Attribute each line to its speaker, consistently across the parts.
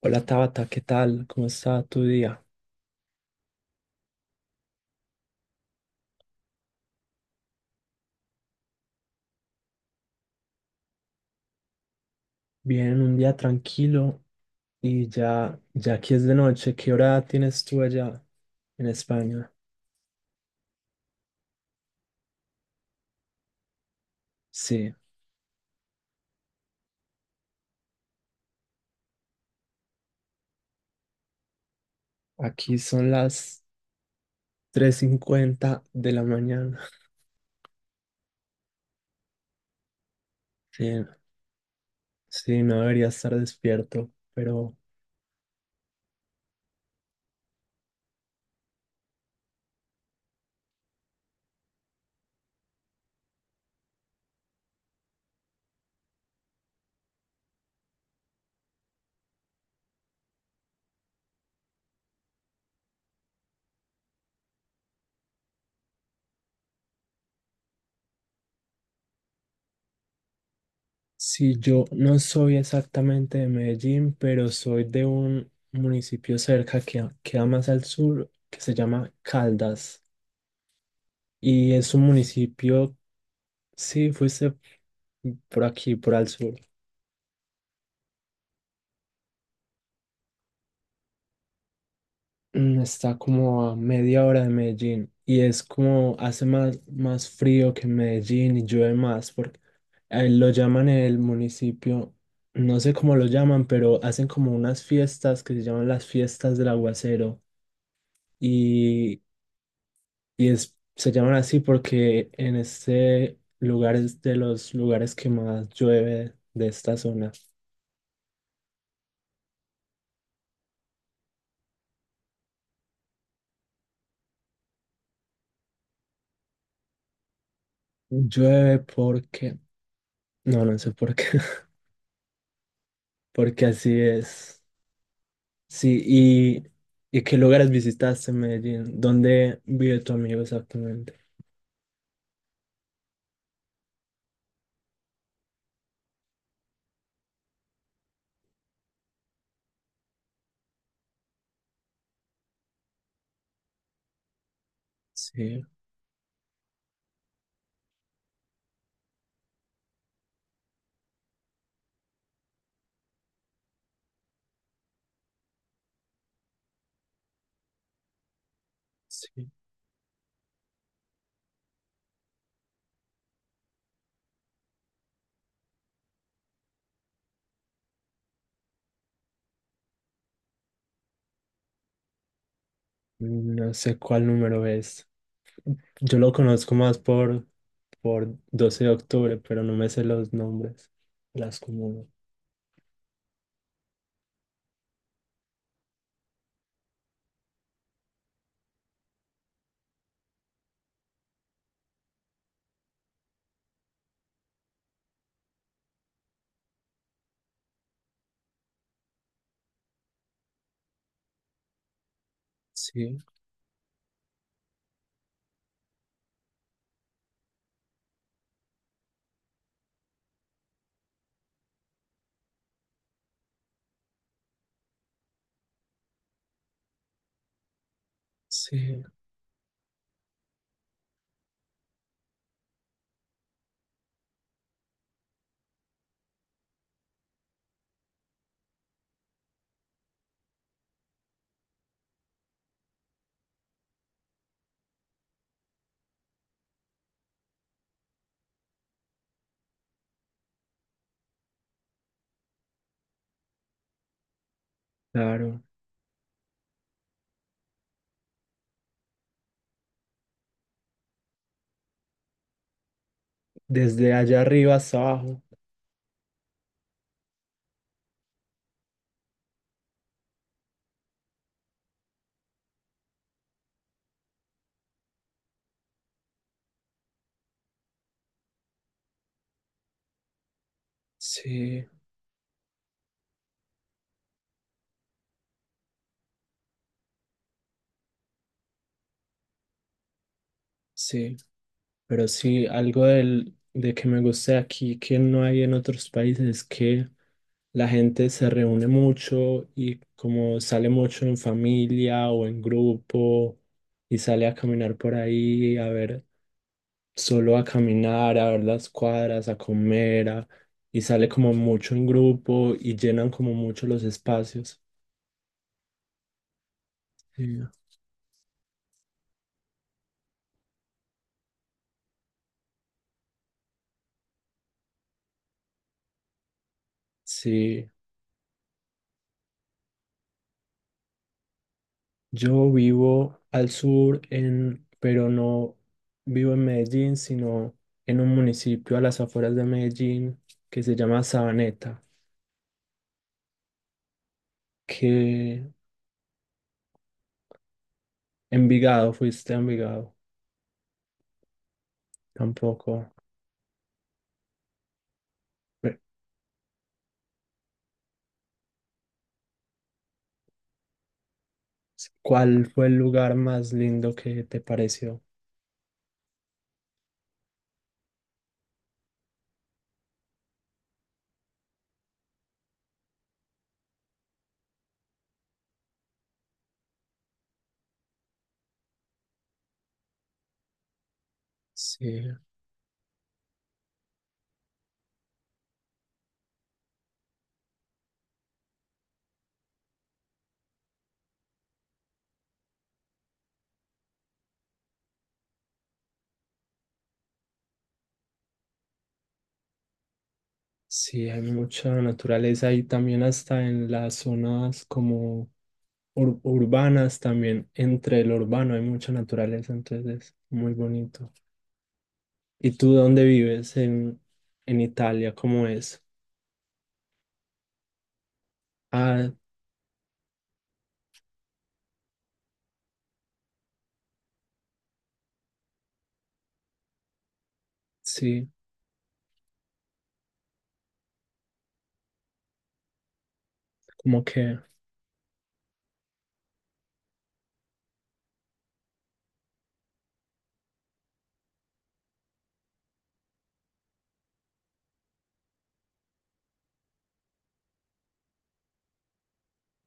Speaker 1: Hola Tabata, ¿qué tal? ¿Cómo está tu día? Bien, un día tranquilo y ya, ya aquí es de noche. ¿Qué hora tienes tú allá en España? Sí, aquí son las 3:50 de la mañana. Sí, sí, no debería estar despierto, pero sí, yo no soy exactamente de Medellín, pero soy de un municipio cerca que queda más al sur que se llama Caldas. Y es un municipio, si fuiste por aquí, por al sur, está como a media hora de Medellín y es como hace más frío que en Medellín y llueve más, porque lo llaman el municipio, no sé cómo lo llaman, pero hacen como unas fiestas que se llaman las fiestas del aguacero y, y es, se llaman así porque en este lugar es de los lugares que más llueve de esta zona. Llueve porque... No, no sé por qué. Porque así es. Sí, ¿y qué lugares visitaste en Medellín? ¿Dónde vive tu amigo exactamente? Sí, sí. No sé cuál número es. Yo lo conozco más por 12 de Octubre, pero no me sé los nombres, las comunas. Sí, sí, claro. Desde allá arriba hasta abajo. Sí, sí. Pero sí, algo de que me gusta aquí, que no hay en otros países, es que la gente se reúne mucho y como sale mucho en familia o en grupo y sale a caminar por ahí, a ver, solo a caminar, a ver las cuadras, a comer, y sale como mucho en grupo y llenan como mucho los espacios. Sí. Sí. Yo vivo al sur, pero no vivo en Medellín, sino en un municipio a las afueras de Medellín que se llama Sabaneta, que Envigado, fuiste a Envigado, tampoco. Pe- ¿Cuál fue el lugar más lindo que te pareció? Sí, sí, hay mucha naturaleza y también hasta en las zonas como urbanas, también entre lo urbano hay mucha naturaleza, entonces es muy bonito. ¿Y tú dónde vives en Italia? ¿Cómo es? Ah, sí, como que,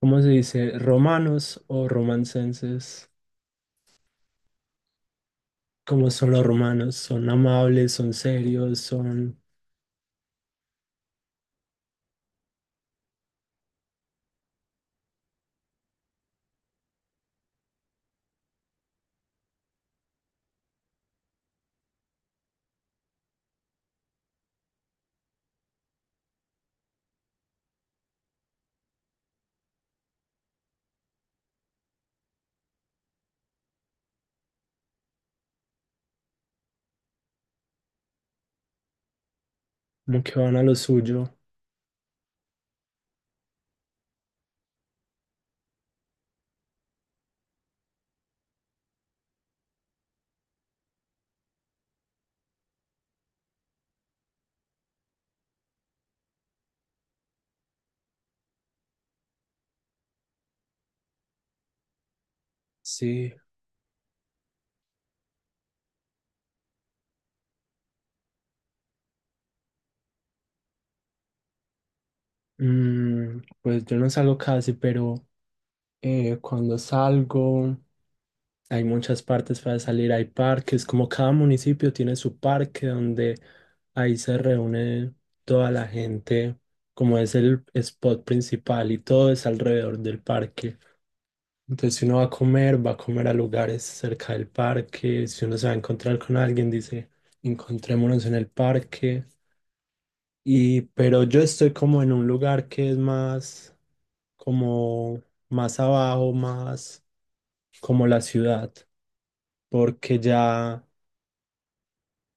Speaker 1: ¿cómo se dice? ¿Romanos o romancenses? ¿Cómo son los romanos? ¿Son amables? ¿Son serios? ¿Son como que van a lo suyo? Sí, pues yo no salgo casi, pero cuando salgo... Hay muchas partes para salir, hay parques, como cada municipio tiene su parque donde ahí se reúne toda la gente, como es el spot principal y todo es alrededor del parque. Entonces, si uno va a comer a lugares cerca del parque, si uno se va a encontrar con alguien, dice, encontrémonos en el parque. Y, pero yo estoy como en un lugar que es más, como más abajo, más como la ciudad, porque ya...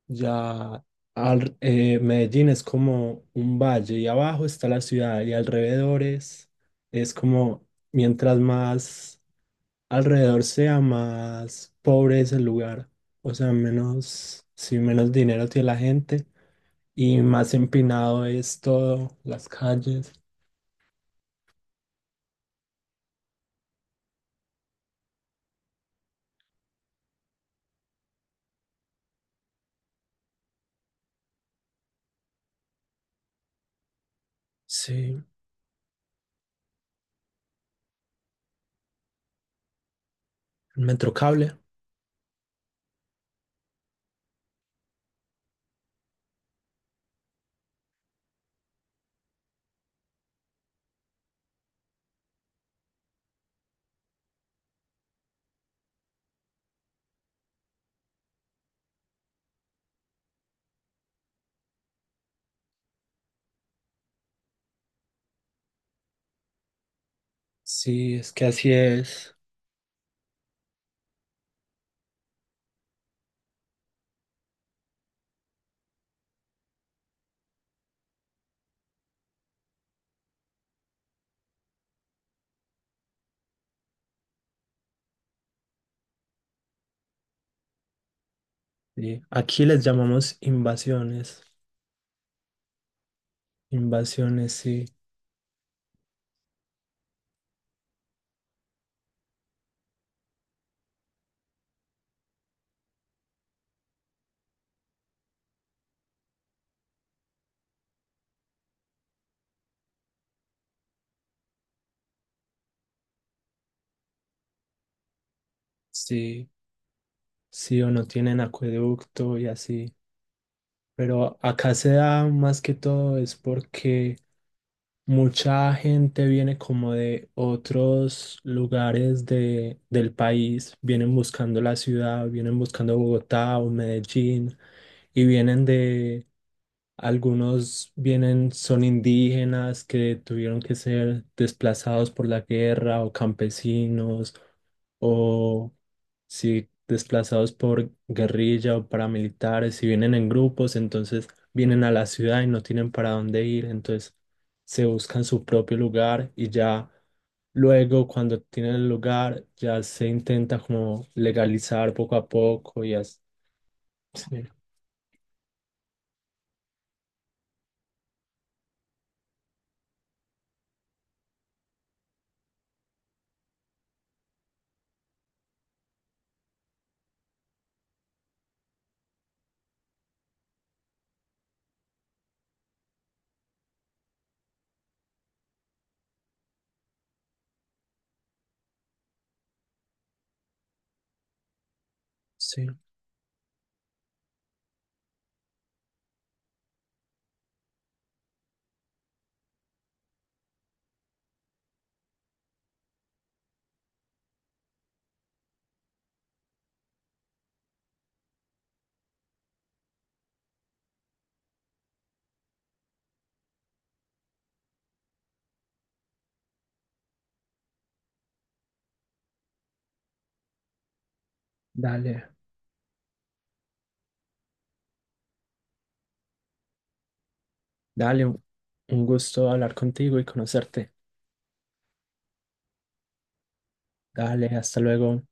Speaker 1: Ya Medellín es como un valle y abajo está la ciudad y alrededores es como mientras más alrededor sea, más pobre es el lugar. O sea, menos, sí, menos dinero tiene la gente y más empinado es todo, las calles. Sí, el metrocable. Sí, es que así es. Sí. Aquí les llamamos invasiones. Invasiones, sí. Sí. Sí o no tienen acueducto y así. Pero acá se da más que todo es porque mucha gente viene como de otros lugares de, del país, vienen buscando la ciudad, vienen buscando Bogotá o Medellín y vienen de... Algunos vienen, son indígenas que tuvieron que ser desplazados por la guerra o campesinos o si desplazados por guerrilla o paramilitares, si vienen en grupos, entonces vienen a la ciudad y no tienen para dónde ir, entonces se buscan su propio lugar y ya luego cuando tienen el lugar ya se intenta como legalizar poco a poco y así. Sí, sí. Dale, dale, un gusto hablar contigo y conocerte. Dale, hasta luego.